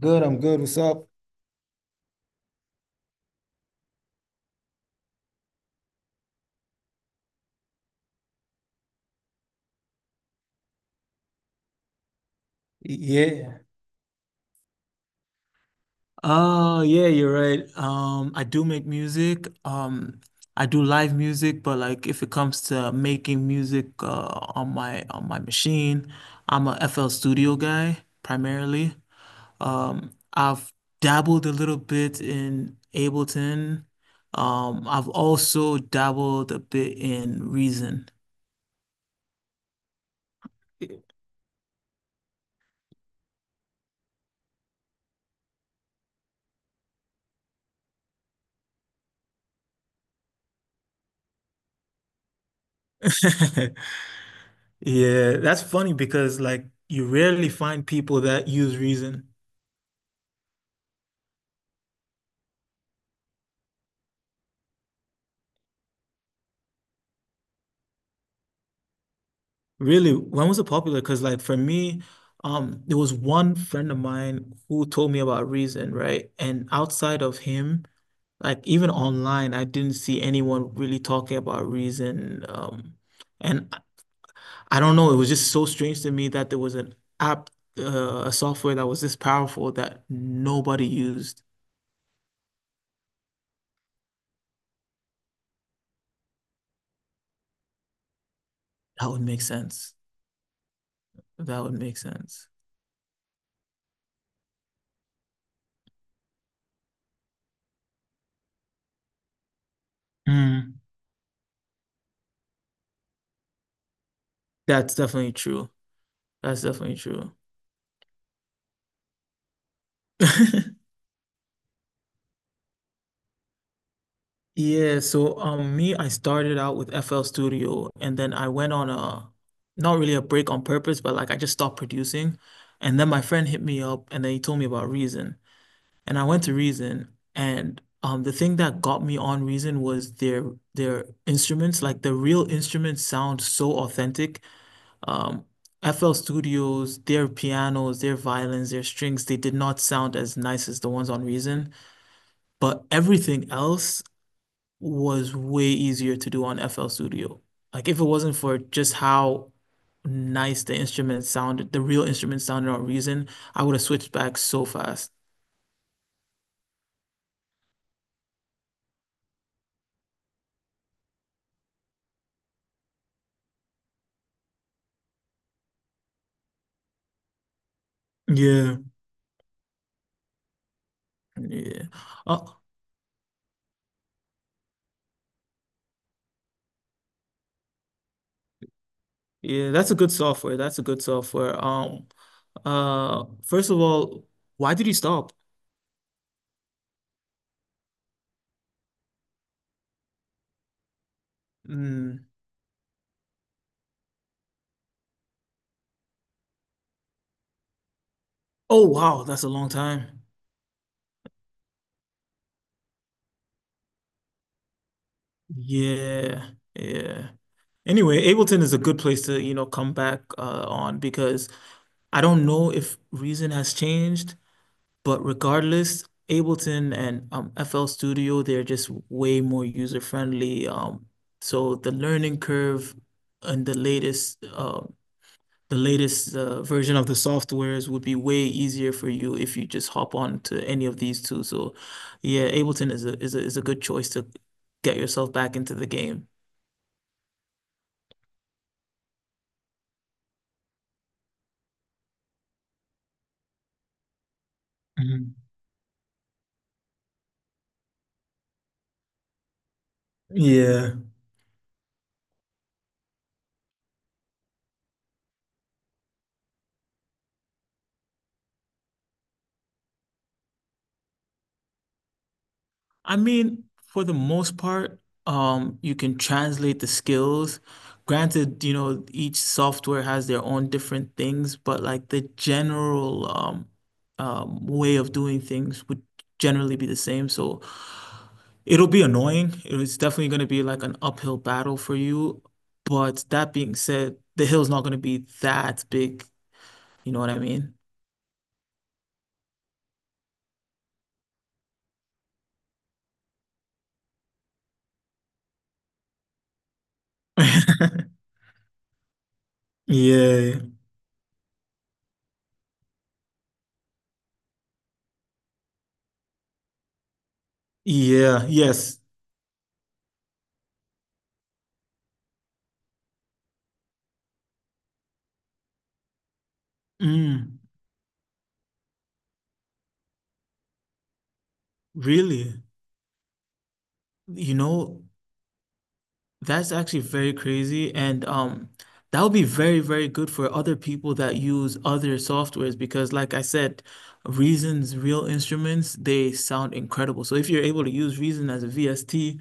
Good, I'm good. What's up? Yeah. Oh, yeah, you're right. I do make music. I do live music, but like if it comes to making music on my machine, I'm a FL Studio guy primarily. I've dabbled a little bit in Ableton. I've also dabbled a bit in Reason. Yeah, that's funny because like you rarely find people that use reason. Really, when was it popular? Because like for me, there was one friend of mine who told me about reason, right? And outside of him, like even online, I didn't see anyone really talking about reason. And I don't know, it was just so strange to me that there was an app, a software that was this powerful that nobody used. That would make sense. That would make sense. That's definitely true. That's definitely true. Yeah, so me, I started out with FL Studio and then I went on a not really a break on purpose, but like I just stopped producing. And then my friend hit me up and then he told me about Reason. And I went to Reason and the thing that got me on Reason was their instruments, like the real instruments sound so authentic. Um FL Studios, their pianos, their violins, their strings, they did not sound as nice as the ones on Reason. But everything else was way easier to do on FL Studio. Like if it wasn't for just how nice the instrument sounded, the real instrument sounded on Reason, I would have switched back so fast. Yeah. Yeah. Oh, yeah, that's a good software. That's a good software. First of all, why did you stop? Mm. Oh, wow, that's a long time. Yeah, yeah. Anyway, Ableton is a good place to, you know, come back on because I don't know if reason has changed, but regardless, Ableton and FL Studio, they're just way more user friendly. So the learning curve and the latest version of the softwares would be way easier for you if you just hop on to any of these two. So yeah, Ableton is a good choice to get yourself back into the game. Mhm. Yeah. I mean, for the most part, you can translate the skills. Granted, you know, each software has their own different things, but like the general way of doing things would generally be the same. So it'll be annoying. It's definitely going to be like an uphill battle for you. But that being said, the hill's not going to be that big. You know what I mean? Yeah. Yeah. Yes. Mm, really. You know, that's actually very crazy. And that would be very, very good for other people that use other softwares because, like I said, Reason's real instruments, they sound incredible. So if you're able to use Reason as a VST,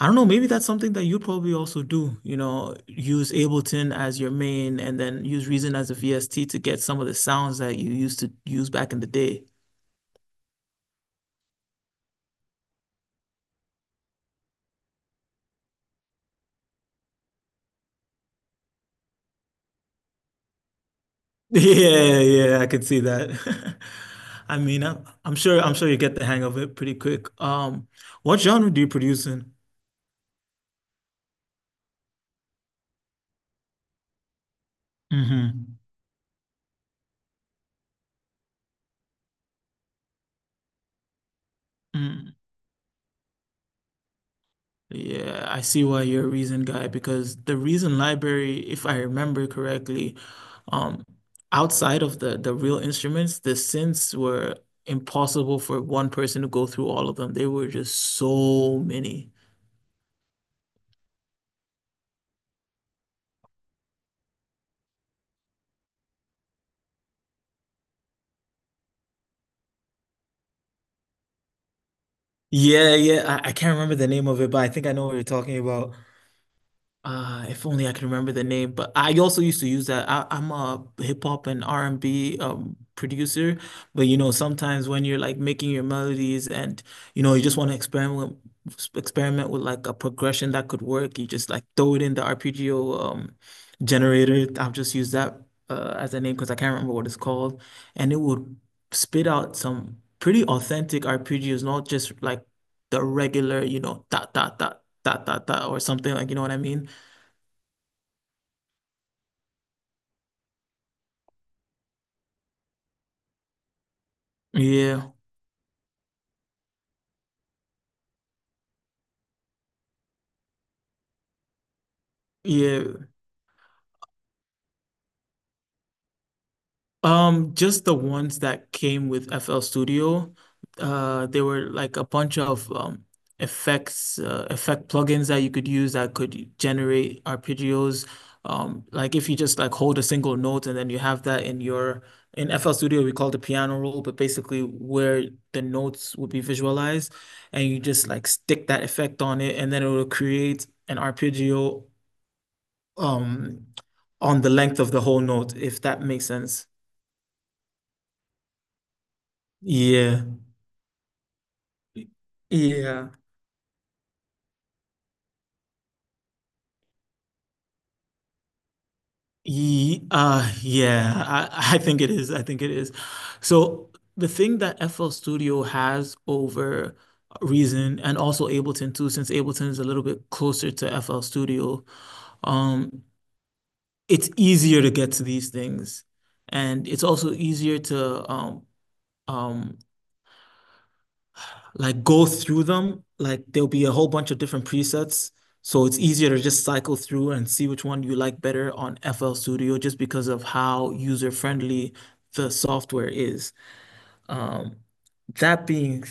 I don't know, maybe that's something that you'd probably also do. You know, use Ableton as your main and then use Reason as a VST to get some of the sounds that you used to use back in the day. Yeah, yeah, I could see that. I mean, I'm sure you get the hang of it pretty quick. What genre do you produce in? Mm-hmm. Yeah, I see why you're a reason guy because the reason library, if I remember correctly, um, outside of the real instruments, the synths were impossible for one person to go through all of them. They were just so many. Yeah, yeah, I can't remember the name of it, but I think I know what you're talking about. If only I can remember the name, but I also used to use that. I'm a hip hop and R&B producer, but you know, sometimes when you're like making your melodies and you know, you just want to experiment with like a progression that could work, you just like throw it in the arpeggio generator. I've just used that as a name because I can't remember what it's called, and it would spit out some pretty authentic arpeggios, not just like the regular, you know, dot dot dot dot dot dot or something like you know what I mean? Yeah, yeah. Just the ones that came with FL Studio, they were like a bunch of effect plugins that you could use that could generate arpeggios. Like if you just like hold a single note and then you have that in your in FL Studio we call it the piano roll, but basically where the notes would be visualized, and you just like stick that effect on it, and then it will create an arpeggio. Um, on the length of the whole note, if that makes sense. Yeah. Yeah. I think it is. I think it is. So the thing that FL Studio has over Reason and also Ableton too, since Ableton is a little bit closer to FL Studio, um, it's easier to get to these things. And it's also easier to um, like go through them. Like there'll be a whole bunch of different presets. So it's easier to just cycle through and see which one you like better on FL Studio just because of how user-friendly the software is. Um, that being,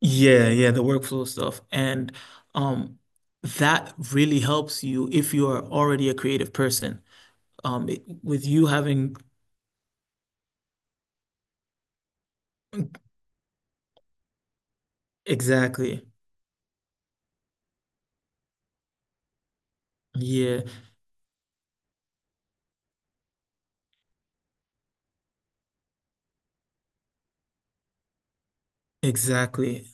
yeah, yeah, the workflow stuff. And um, that really helps you if you are already a creative person. With you having, exactly. Yeah, exactly.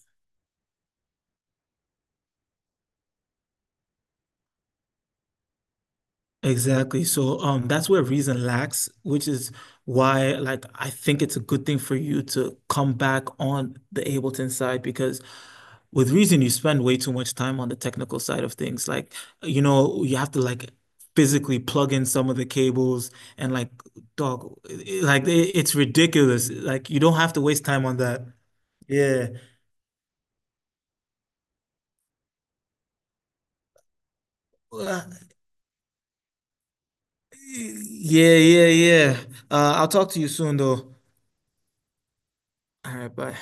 Exactly. So that's where reason lacks, which is why like I think it's a good thing for you to come back on the Ableton side because with reason you spend way too much time on the technical side of things. Like, you know, you have to like physically plug in some of the cables and like like it's ridiculous. Like you don't have to waste time on that. Yeah. Uh, yeah. I'll talk to you soon though. All right, bye.